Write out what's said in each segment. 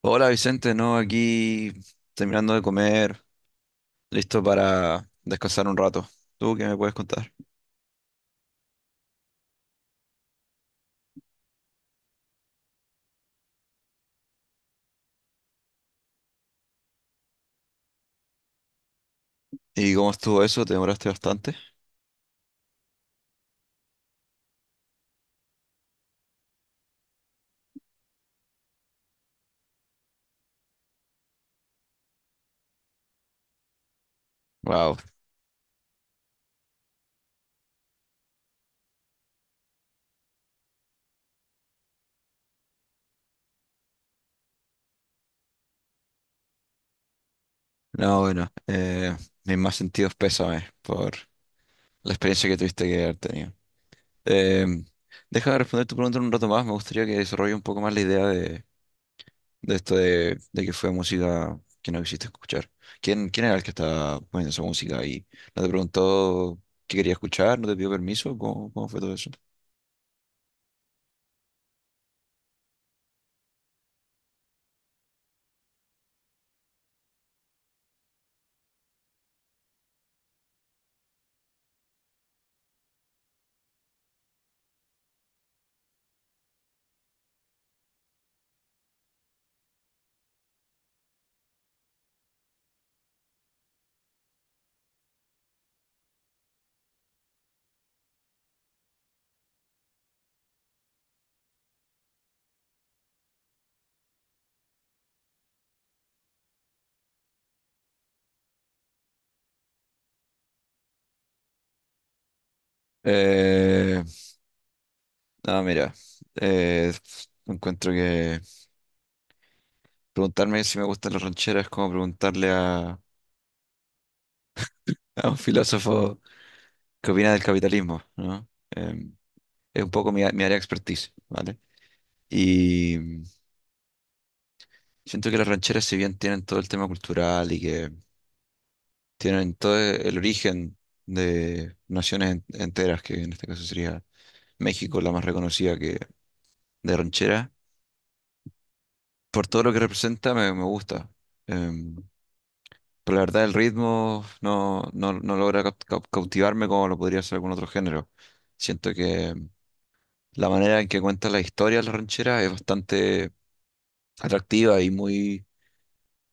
Hola Vicente, no, aquí terminando de comer, listo para descansar un rato. ¿Tú qué me puedes contar? ¿Y cómo estuvo eso? ¿Te demoraste bastante? Wow. No, bueno, mis más sentidos pésames por la experiencia que tuviste que haber tenido. Eh, Déjame responder tu pregunta en un rato más, me gustaría que desarrolle un poco más la idea de esto de que fue música que no quisiste escuchar. ¿Quién era el que estaba poniendo esa música ahí? ¿No te preguntó qué quería escuchar? ¿No te pidió permiso? ¿Cómo fue todo eso? Eh, no, mira, eh, encuentro que preguntarme si me gustan las rancheras es como preguntarle a un filósofo qué opina del capitalismo, ¿no? Es un poco mi área de expertise, ¿vale? Y siento que las rancheras, si bien tienen todo el tema cultural y que tienen todo el origen de naciones enteras, que en este caso sería México, la más reconocida que de ranchera. Por todo lo que representa, me gusta. Em, pero la verdad, el ritmo no logra cautivarme como lo podría hacer algún otro género. Siento que la manera en que cuenta la historia de la ranchera es bastante atractiva y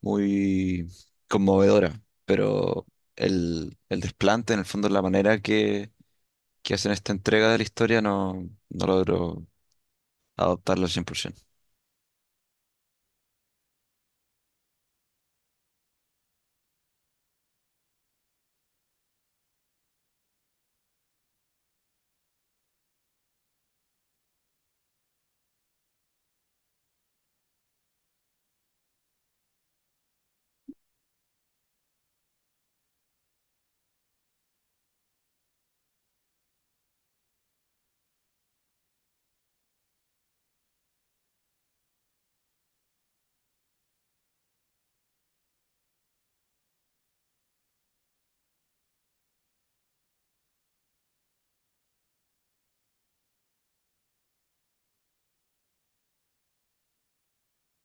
muy conmovedora, pero el desplante, en el fondo, la manera que hacen esta entrega de la historia no, no logro adoptarlo al 100%.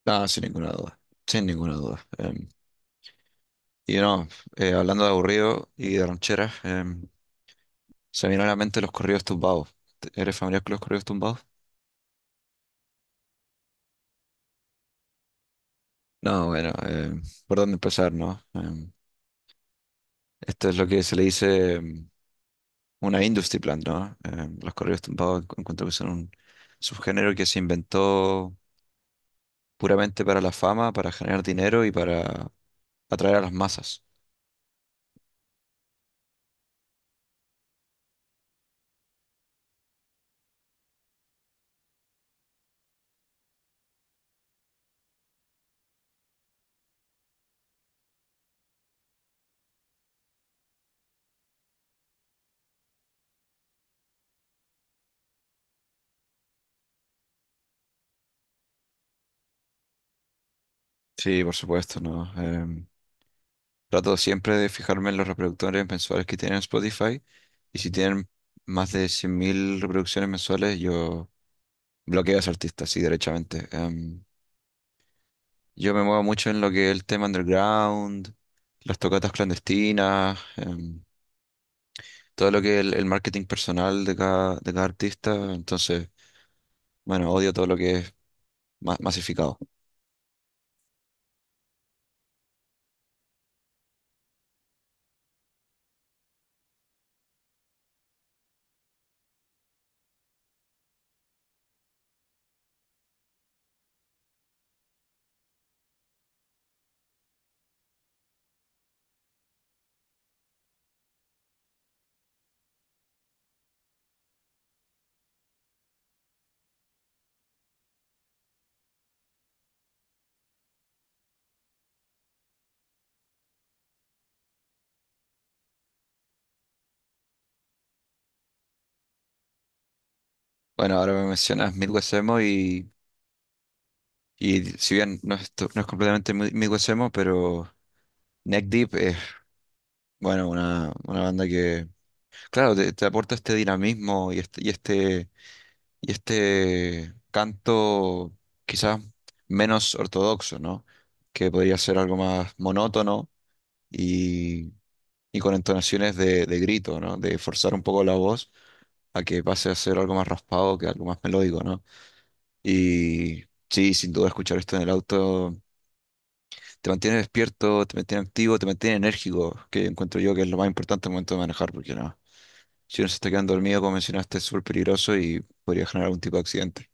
Ah, sin ninguna duda, sin ninguna duda. Y no, hablando de aburrido y de rancheras, se me vienen a la mente los corridos tumbados. ¿Eres familiar con los corridos tumbados? No, bueno, ¿por dónde empezar, no? Esto es lo que se le dice una industry plant, ¿no? Los corridos tumbados encuentro que son un subgénero que se inventó puramente para la fama, para generar dinero y para atraer a las masas. Sí, por supuesto, ¿no? Trato siempre de fijarme en los reproductores mensuales que tienen Spotify y si tienen más de 100.000 reproducciones mensuales, yo bloqueo a ese artista, sí, derechamente. Yo me muevo mucho en lo que es el tema underground, las tocatas clandestinas, todo lo que es el marketing personal de cada artista. Entonces, bueno, odio todo lo que es masificado. Bueno, ahora me mencionas Midwest Emo y si bien no es completamente Midwest Emo, pero... Neck Deep es, bueno, una banda que, claro, te aporta este dinamismo y este canto quizás menos ortodoxo, ¿no? Que podría ser algo más monótono y, con entonaciones de grito, ¿no? De forzar un poco la voz a que pase a ser algo más raspado que algo más melódico, ¿no? Y sí, sin duda escuchar esto en el auto te mantiene despierto, te mantiene activo, te mantiene enérgico, que encuentro yo que es lo más importante al momento de manejar, porque no, si uno se está quedando dormido, como mencionaste, es súper peligroso y podría generar algún tipo de accidente.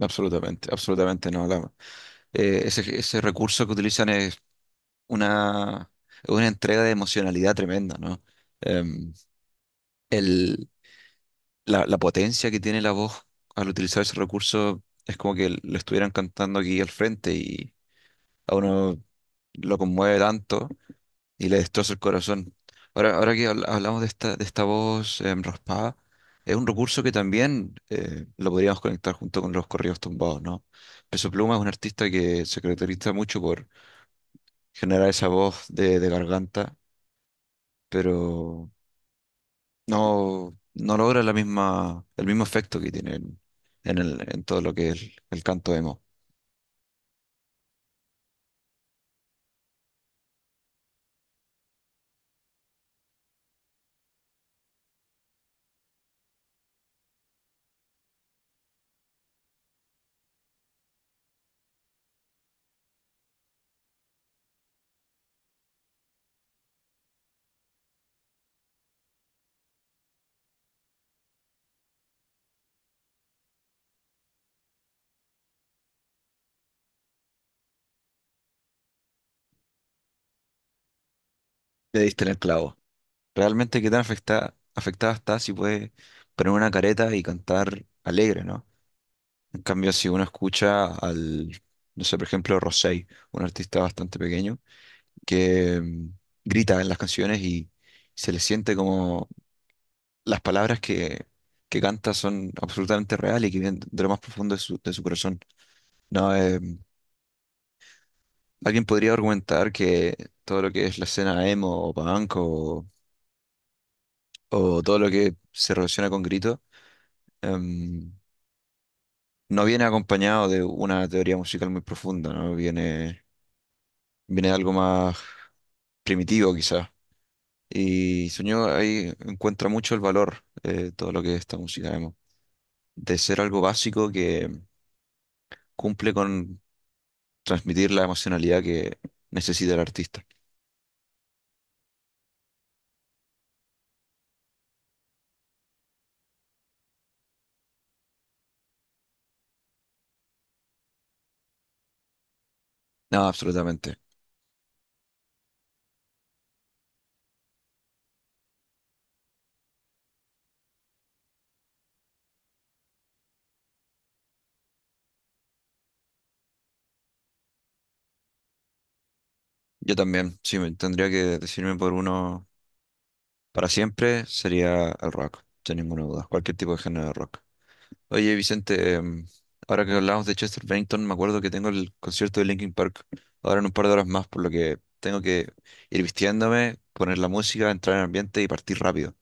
Absolutamente, absolutamente no. Ese recurso que utilizan es una, es una entrega de emocionalidad tremenda, ¿no? Em, el, la potencia que tiene la voz al utilizar ese recurso es como que lo estuvieran cantando aquí al frente y a uno lo conmueve tanto y le destroza el corazón. Ahora que hablamos de esta voz raspada, es un recurso que también lo podríamos conectar junto con los corridos tumbados, ¿no? Peso Pluma es un artista que se caracteriza mucho por generar esa voz de garganta, pero no, no logra la misma, el mismo efecto que tiene en, en todo lo que es el canto emo. Le diste en el clavo. Realmente qué tan afectada está si puede poner una careta y cantar alegre, ¿no? En cambio, si uno escucha no sé, por ejemplo, Rosé, un artista bastante pequeño, que grita en las canciones y se le siente como las palabras que canta son absolutamente reales y que vienen de lo más profundo de su corazón. No, alguien podría argumentar que todo lo que es la escena emo o punk o todo lo que se relaciona con grito em, no viene acompañado de una teoría musical muy profunda, ¿no? Viene de algo más primitivo quizás. Y Sueño ahí encuentra mucho el valor de todo lo que es esta música emo, de ser algo básico que cumple con transmitir la emocionalidad que necesita el artista. No, absolutamente. Yo también, sí, tendría que decidirme por uno. Para siempre sería el rock, sin ninguna duda, cualquier tipo de género de rock. Oye, Vicente, ahora que hablamos de Chester Bennington, me acuerdo que tengo el concierto de Linkin Park ahora en un par de horas más, por lo que tengo que ir vistiéndome, poner la música, entrar en el ambiente y partir rápido.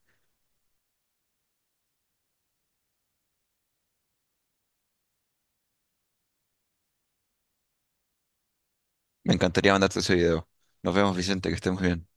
Me encantaría mandarte ese video. Nos vemos, Vicente, que estés muy bien.